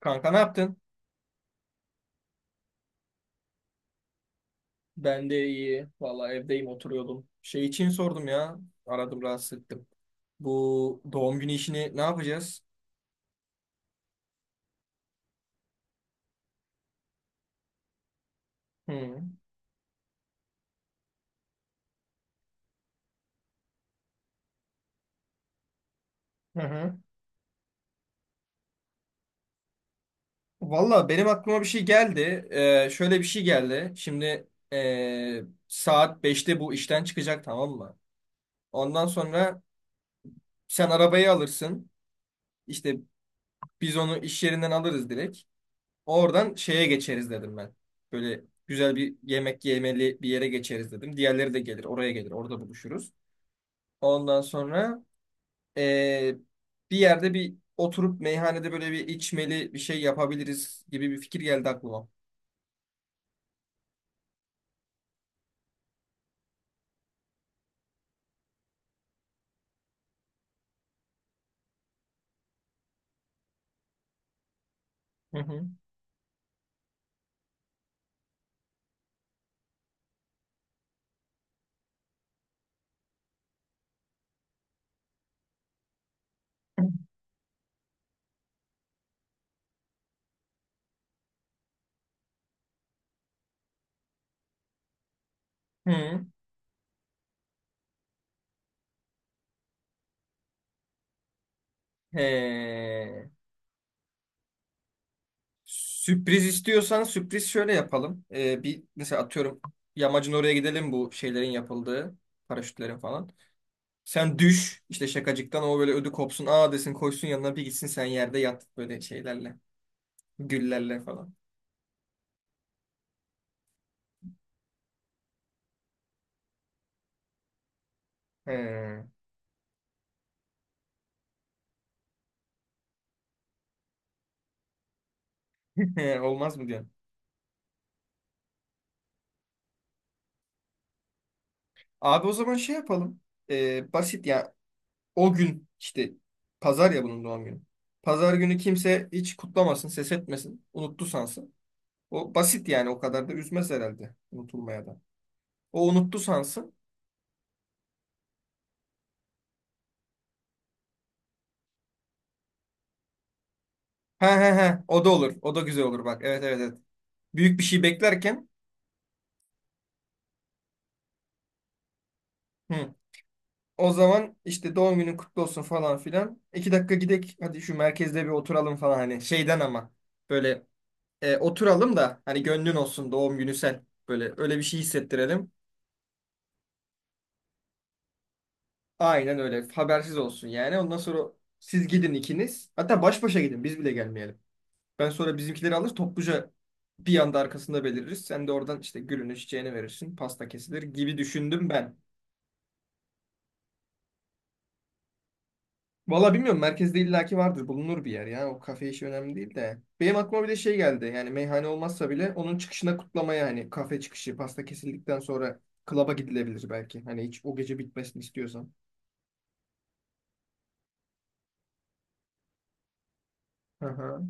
Kanka ne yaptın? Ben de iyi. Valla evdeyim oturuyordum. Şey için sordum ya. Aradım rahatsız ettim. Bu doğum günü işini ne yapacağız? Hı. Hı hı. Valla benim aklıma bir şey geldi. Şöyle bir şey geldi. Şimdi saat 5'te bu işten çıkacak, tamam mı? Ondan sonra sen arabayı alırsın. İşte biz onu iş yerinden alırız direkt. Oradan şeye geçeriz dedim ben. Böyle güzel bir yemek yemeli bir yere geçeriz dedim. Diğerleri de gelir, oraya gelir, orada buluşuruz. Ondan sonra eee, bir yerde bir oturup meyhanede böyle bir içmeli bir şey yapabiliriz gibi bir fikir geldi aklıma. Hı hı. Hı. He. Sürpriz istiyorsan sürpriz şöyle yapalım. Bir mesela atıyorum yamacın oraya gidelim, bu şeylerin yapıldığı paraşütlerin falan. Sen düş işte şakacıktan, o böyle ödü kopsun. Aa desin, koysun yanına, bir gitsin sen yerde yat böyle şeylerle. Güllerle falan. He. Olmaz mı diyorsun? Abi o zaman şey yapalım. Basit ya. O gün işte pazar ya bunun doğum günü. Pazar günü kimse hiç kutlamasın, ses etmesin. Unuttu sansın. O basit yani, o kadar da üzmez herhalde unutulmaya da. O unuttu sansın. He he he, o da olur. O da güzel olur bak. Evet evet evet. Büyük bir şey beklerken. Hı. O zaman işte doğum günün kutlu olsun falan filan. 2 dakika gidek, hadi şu merkezde bir oturalım falan, hani şeyden ama böyle oturalım da, hani gönlün olsun doğum günü, sen böyle öyle bir şey hissettirelim. Aynen öyle habersiz olsun yani, ondan sonra siz gidin ikiniz, hatta baş başa gidin, biz bile gelmeyelim. Ben sonra bizimkileri alır, topluca bir anda arkasında beliririz. Sen de oradan işte gülünü çiçeğini verirsin, pasta kesilir gibi düşündüm ben. Valla bilmiyorum, merkezde illaki vardır, bulunur bir yer ya, o kafe işi önemli değil de. Benim aklıma bir de şey geldi yani, meyhane olmazsa bile onun çıkışına kutlamaya, hani kafe çıkışı pasta kesildikten sonra klaba gidilebilir belki. Hani hiç o gece bitmesini istiyorsan. Hı hı.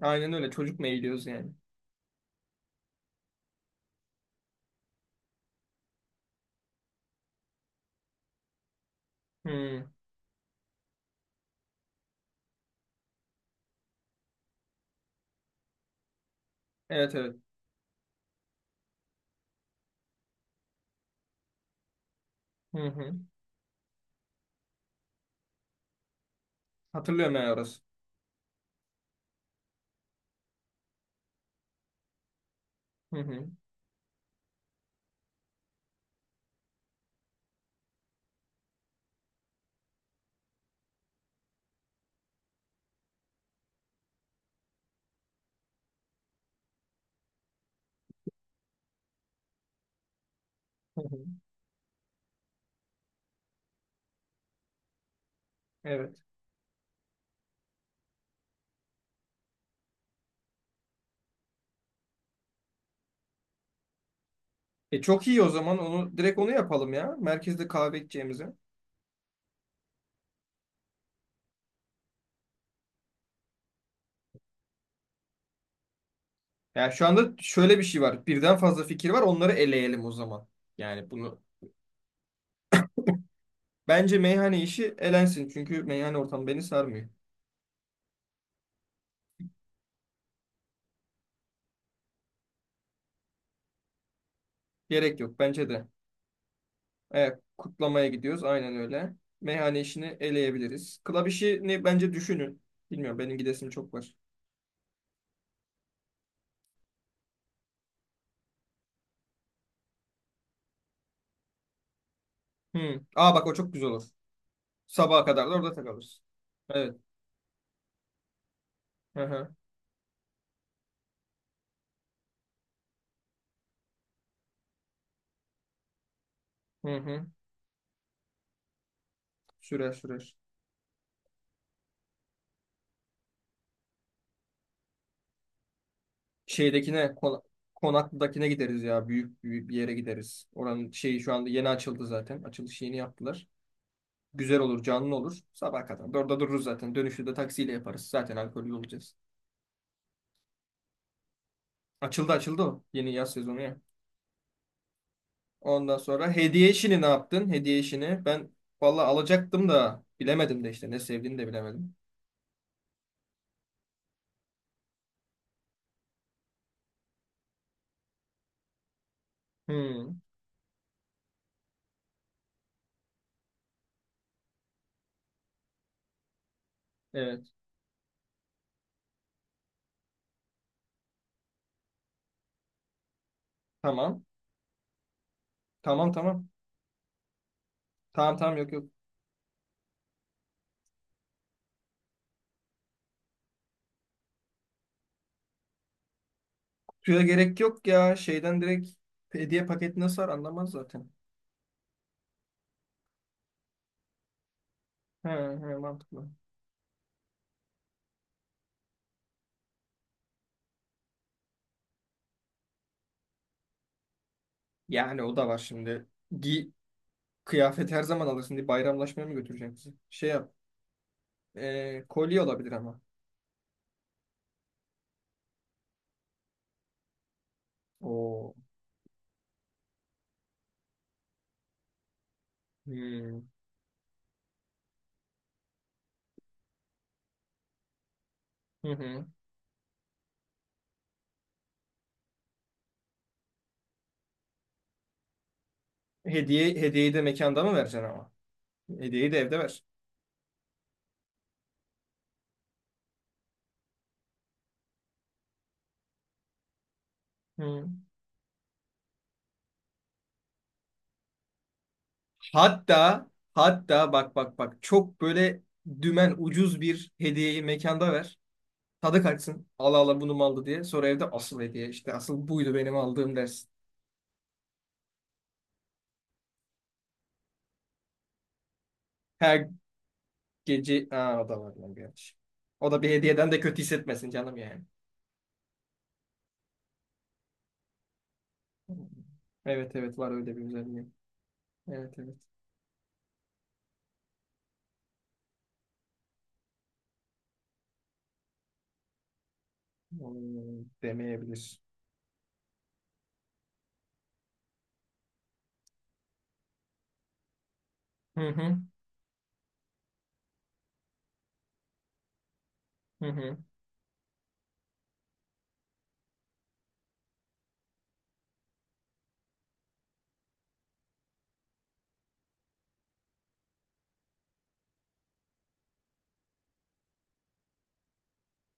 Aynen öyle çocuk mu eğiliyoruz yani. Hı. Evet evet. Hı hı. Hatırlıyorum ben orası. Hı hı. Hı hı. Evet. E çok iyi o zaman, onu direkt onu yapalım ya, merkezde kahve içeceğimize. Yani şu anda şöyle bir şey var, birden fazla fikir var, onları eleyelim o zaman. Yani bunu. Bence meyhane işi elensin. Çünkü meyhane ortamı beni sarmıyor. Gerek yok bence de. Evet, kutlamaya gidiyoruz. Aynen öyle. Meyhane işini eleyebiliriz. Club işini bence düşünün. Bilmiyorum, benim gidesim çok var. Hmm. Aa bak, o çok güzel olur. Sabaha kadar da orada takılırız. Evet. Hı hı. Hı hı. Sürer sürer. Şeydekine kona- Konaklı'dakine gideriz ya. Büyük, büyük bir yere gideriz. Oranın şeyi şu anda yeni açıldı zaten. Açılış yeni yaptılar. Güzel olur, canlı olur. Sabah kadar da orada dururuz zaten. Dönüşü de taksiyle yaparız, zaten alkollü olacağız. Açıldı açıldı o. Yeni yaz sezonu ya. Ondan sonra hediye işini ne yaptın? Hediye işini ben valla alacaktım da bilemedim de işte. Ne sevdiğini de bilemedim. Hmm, evet. Tamam. Tamam tamam. Tamam tamam, yok yok. Kutuya gerek yok ya. Şeyden direkt hediye paketi nasıl var anlamaz zaten. He, he, mantıklı. Yani o da var şimdi. Gi Kıyafet her zaman alırsın, diye bayramlaşmaya mı götüreceksin? Şey yap. Kolye olabilir ama. Oo. Hmm. Hı hı. Hediye, hediyeyi de mekanda mı vereceksin ama? Hediyeyi de evde ver. Hı. Hatta hatta bak bak bak, çok böyle dümen ucuz bir hediyeyi mekanda ver. Tadı kaçsın. Allah Allah, bunu mu aldı diye. Sonra evde asıl hediye, işte asıl buydu benim aldığım dersin. Her gece. Aa, o da var lan gerçi. O da bir hediyeden de kötü hissetmesin canım yani. Evet evet, var öyle bir özelliği. Evet evet. Hmm, demeyebilir. Hı hı. Hı hı.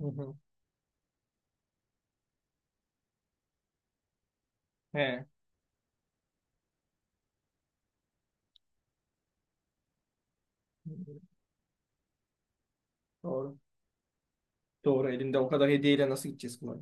Hı hı. He. Doğru. Doğru. Elinde o kadar hediyeyle nasıl gideceğiz kolay?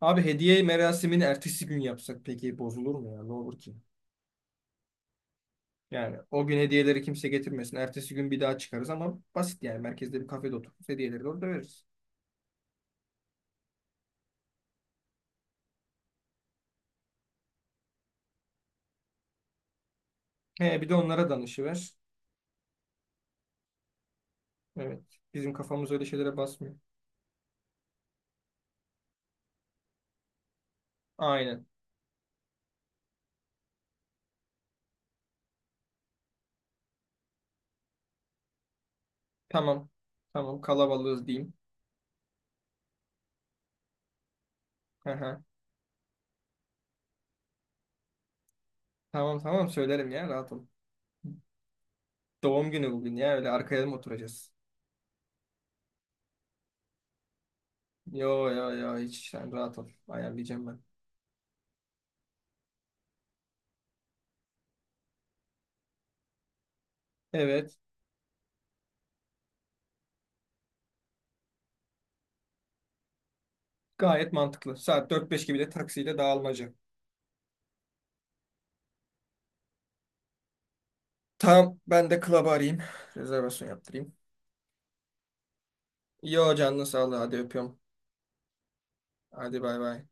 Abi hediye merasimini ertesi gün yapsak peki, bozulur mu ya? Ne olur ki? Yani o gün hediyeleri kimse getirmesin. Ertesi gün bir daha çıkarız ama basit yani. Merkezde bir kafede otururuz. Hediyeleri de orada veririz. He, bir de onlara danışıver. Evet. Bizim kafamız öyle şeylere basmıyor. Aynen. Tamam. Tamam, kalabalığız diyeyim. Hı hı. Tamam tamam, söylerim ya, rahat ol. Doğum günü bugün ya, öyle arkaya mı oturacağız? Yo yo yo, hiç sen rahat ol. Ayarlayacağım ben. Evet. Gayet mantıklı. Saat 4-5 gibi de taksiyle dağılmaca. Tamam, ben de club'ı arayayım. Rezervasyon yaptırayım. Yo, canını sağlığı, hadi öpüyorum. Hadi bay bay.